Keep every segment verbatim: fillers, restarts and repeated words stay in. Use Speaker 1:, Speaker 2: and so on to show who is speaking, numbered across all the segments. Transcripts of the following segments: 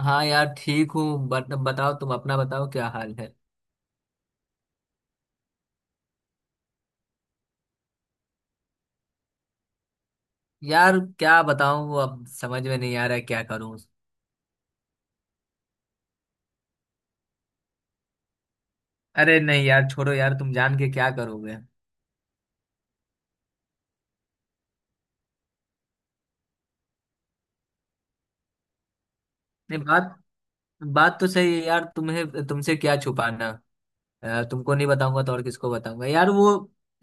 Speaker 1: हाँ यार, ठीक हूँ। बट बताओ, तुम अपना बताओ क्या हाल है। यार क्या बताऊँ, वो अब समझ में नहीं आ रहा है क्या करूँ। अरे नहीं यार, छोड़ो यार, तुम जान के क्या करोगे। नहीं। बात बात तो सही है यार, तुम्हें तुमसे क्या छुपाना। अ, तुमको नहीं बताऊंगा तो और किसको बताऊंगा यार, वो।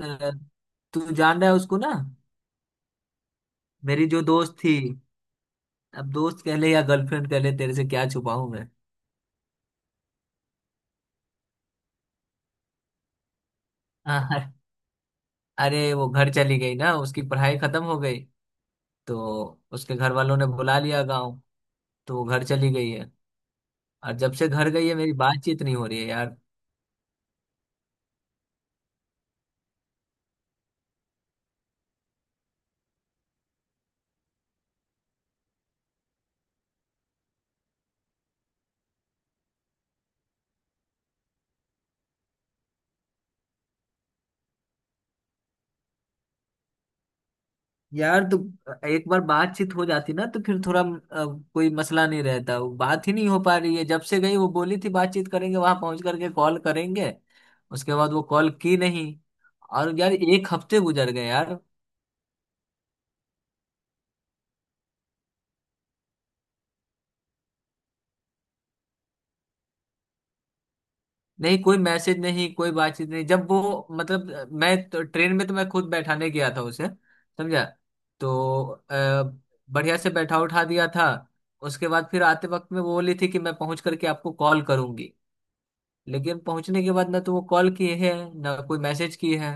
Speaker 1: अ, तू जान रहा है उसको ना। मेरी जो दोस्त थी। अब दोस्त कह ले या गर्लफ्रेंड कह ले, तेरे से क्या छुपाऊं मैं। अ, अरे वो घर चली गई ना, उसकी पढ़ाई खत्म हो गई। तो उसके घर वालों ने बुला लिया गाँव। तो वो घर चली गई है। और जब से घर गई है मेरी बातचीत नहीं हो रही है यार। यार तो एक बार बातचीत हो जाती ना तो फिर थोड़ा अ, कोई मसला नहीं रहता। वो बात ही नहीं हो पा रही है। जब से गई वो बोली थी बातचीत करेंगे, वहां पहुंच करके कॉल करेंगे। उसके बाद वो कॉल की नहीं। और यार एक हफ्ते गुजर गए यार। नहीं कोई मैसेज नहीं, कोई बातचीत नहीं। जब वो मतलब, मैं तो, ट्रेन में तो मैं खुद बैठाने गया था उसे। समझा। तो अ, बढ़िया से बैठा उठा दिया था। उसके बाद फिर आते वक्त में वो बोली थी कि मैं पहुंच करके आपको कॉल करूंगी। लेकिन पहुंचने के बाद ना तो वो कॉल किए है, ना कोई मैसेज किए है।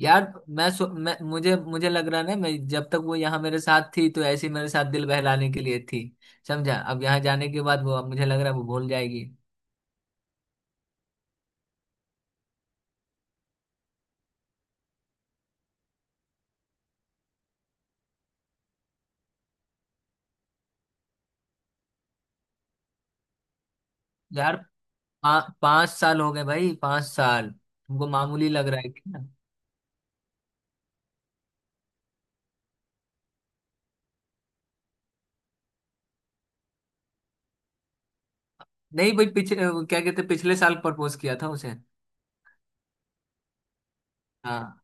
Speaker 1: यार मैं, सो, मैं मुझे मुझे लग रहा है ना, मैं जब तक वो यहाँ मेरे साथ थी तो ऐसे ही मेरे साथ दिल बहलाने के लिए थी। समझा। अब यहाँ जाने के बाद वो, अब मुझे लग रहा है वो भूल जाएगी। यार पा, पांच साल हो गए भाई, पांच साल तुमको मामूली लग रहा है क्या। नहीं भाई, पिछले, वो क्या कहते हैं, पिछले साल प्रपोज किया था उसे। हाँ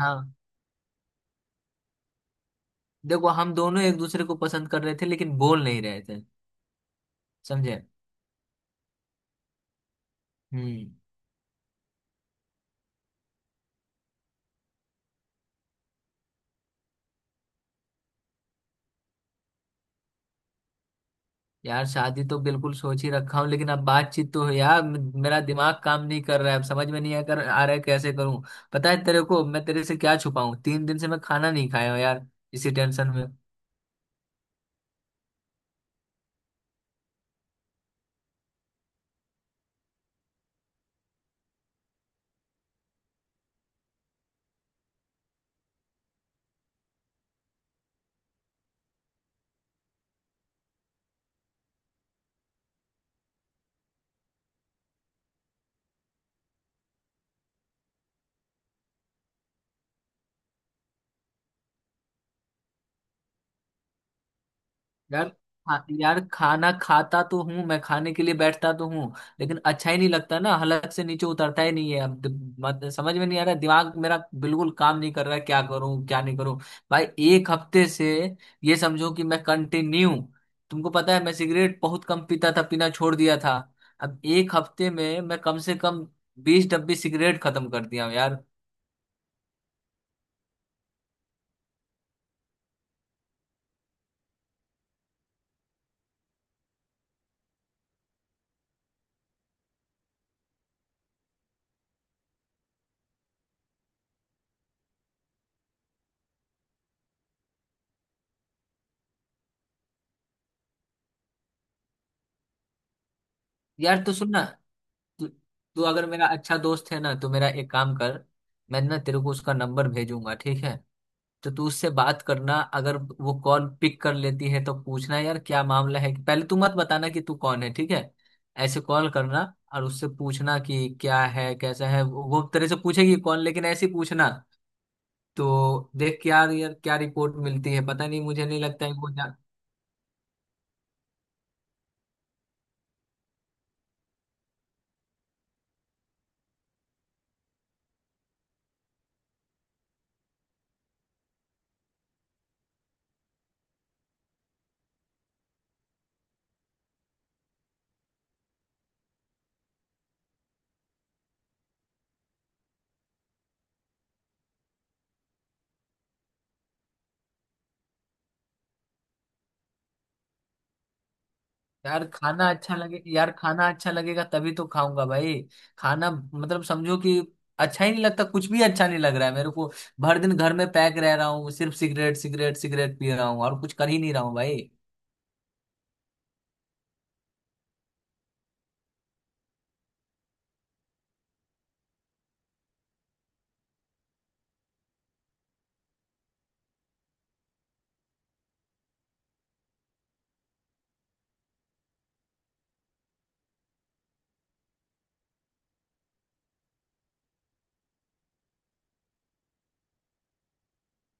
Speaker 1: हाँ। देखो हम दोनों एक दूसरे को पसंद कर रहे थे लेकिन बोल नहीं रहे थे। समझे। हम्म। यार शादी तो बिल्कुल सोच ही रखा हूँ, लेकिन अब बातचीत तो है यार। मे- मेरा दिमाग काम नहीं कर रहा है, अब समझ में नहीं आ कर आ रहा है कैसे करूँ। पता है तेरे को, मैं तेरे से क्या छुपाऊं, तीन दिन से मैं खाना नहीं खाया हूँ यार। इसी टेंशन में। यार खा- यार खाना खाता तो हूँ, मैं खाने के लिए बैठता तो हूँ। लेकिन अच्छा ही नहीं लगता ना, हलक से नीचे उतरता ही नहीं है। अब दिम- मत, समझ में नहीं आ रहा दिमाग मेरा। बिल्कुल काम नहीं कर रहा है, क्या करूँ क्या नहीं करूँ। भाई एक हफ्ते से, ये समझो कि मैं कंटिन्यू, तुमको पता है मैं सिगरेट बहुत कम पीता था, पीना छोड़ दिया था। अब एक हफ्ते में मैं कम से कम बीस डब्बी सिगरेट खत्म कर दिया हूँ यार। यार तो सुन ना। तू तू अगर मेरा अच्छा दोस्त है ना, तो मेरा एक काम कर। मैं ना तेरे को उसका नंबर भेजूंगा, ठीक है। तो तू उससे बात करना। अगर वो कॉल पिक कर लेती है तो पूछना यार क्या मामला है, पहले तू मत बताना कि तू कौन है, ठीक है। ऐसे कॉल करना। और उससे पूछना कि क्या है कैसा है वो। वो तेरे से पूछेगी कौन, लेकिन ऐसे ही पूछना। तो देख यार यार क्या रिपोर्ट मिलती है, पता नहीं, मुझे नहीं लगता है वो। यार खाना अच्छा लगे, यार खाना अच्छा लगेगा तभी तो खाऊंगा भाई। खाना मतलब समझो कि, अच्छा ही नहीं लगता, कुछ भी अच्छा नहीं लग रहा है मेरे को। भर दिन घर में पैक रह रहा हूँ, सिर्फ सिगरेट सिगरेट सिगरेट पी रहा हूँ और कुछ कर ही नहीं रहा हूँ भाई।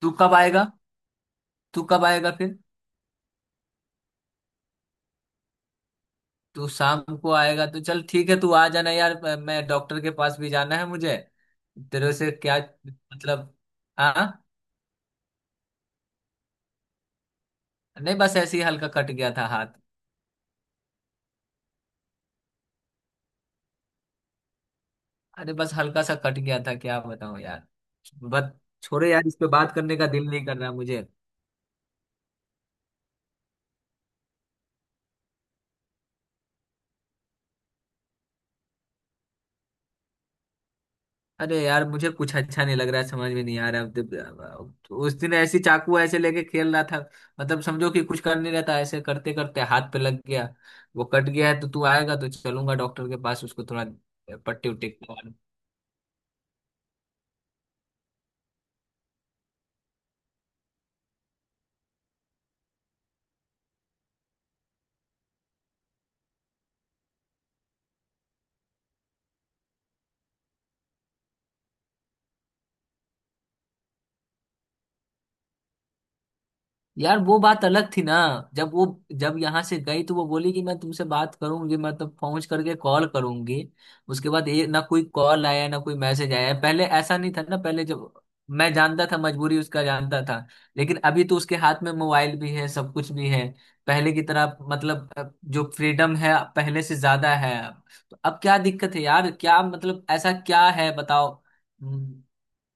Speaker 1: तू कब आएगा? तू कब आएगा फिर? तू शाम को आएगा तो चल ठीक है, तू आ जाना यार। प- मैं डॉक्टर के पास भी जाना है मुझे। तेरे से क्या। मतलब। हाँ। नहीं, बस ऐसे ही हल्का कट गया था हाथ। अरे बस हल्का सा कट गया था, क्या बताऊं यार। बस। छोड़ो यार, इस पे बात करने का दिल नहीं कर रहा मुझे। अरे यार मुझे कुछ अच्छा नहीं लग रहा है, समझ में नहीं आ रहा अब जब- अब- उस दिन ऐसी चाकू ऐसे लेके खेल रहा था। मतलब समझो कि, कुछ कर नहीं रहता ऐसे करते करते हाथ पे लग गया। वो कट गया है, तो तू आएगा तो चलूंगा डॉक्टर के पास, उसको थोड़ा पट्टी उट्टी। यार वो बात अलग थी ना। जब वो जब यहाँ से गई तो वो बोली कि मैं तुमसे बात करूंगी, मतलब पहुंच करके कॉल करूंगी। उसके बाद ये ना कोई कॉल आया ना कोई मैसेज आया। पहले ऐसा नहीं था ना, पहले जब, मैं जानता था, मजबूरी उसका जानता था। लेकिन अभी तो उसके हाथ में मोबाइल भी है, सब कुछ भी है। पहले की तरह मतलब अ, जो फ्रीडम है पहले से ज्यादा है अब। तो अब क्या दिक्कत है यार, क्या मतलब, ऐसा क्या है बताओ। हम्म,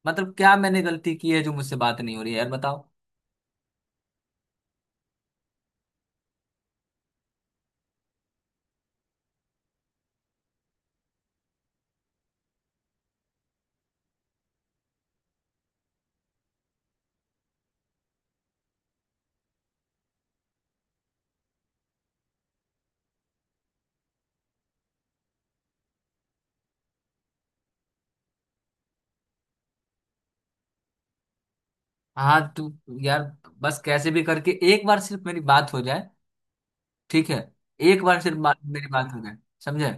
Speaker 1: मतलब क्या मैंने गलती की है जो मुझसे बात नहीं हो रही है यार बताओ। हाँ तू। यार बस कैसे भी करके एक बार सिर्फ मेरी बात हो जाए। ठीक है। एक बार सिर्फ बात, मेरी बात हो जाए। समझे।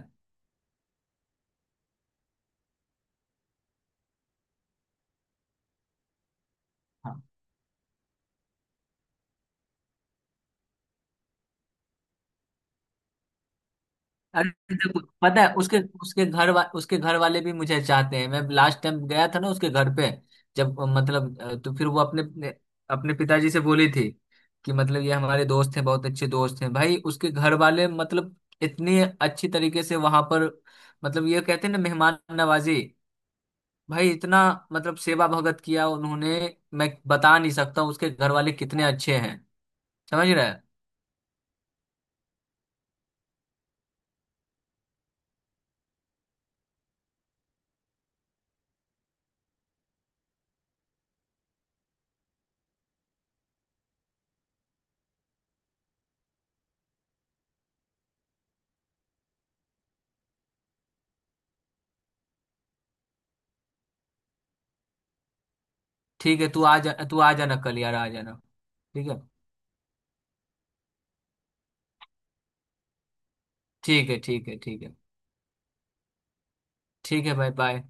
Speaker 1: हाँ। अरे देखो, पता है उसके उसके घर वा, उसके घर वाले भी मुझे चाहते हैं। मैं लास्ट टाइम गया था ना उसके घर पे। जब अ, मतलब अ, तो फिर वो अपने अपने अपने पिताजी से बोली थी, कि मतलब ये हमारे दोस्त हैं, बहुत अच्छे दोस्त हैं। भाई उसके घर वाले मतलब, इतनी अच्छी तरीके से वहां पर, मतलब ये कहते हैं ना मेहमान नवाजी, भाई इतना मतलब सेवा भगत किया उन्होंने। मैं बता नहीं सकता हूँ। उसके घर वाले कितने अच्छे हैं। समझ रहे हैं। ठीक है, तू आ जा, तू आ जाना कल यार, आ जाना। ठीक है। ठीक है ठीक है। ठीक है ठीक है भाई, बाय।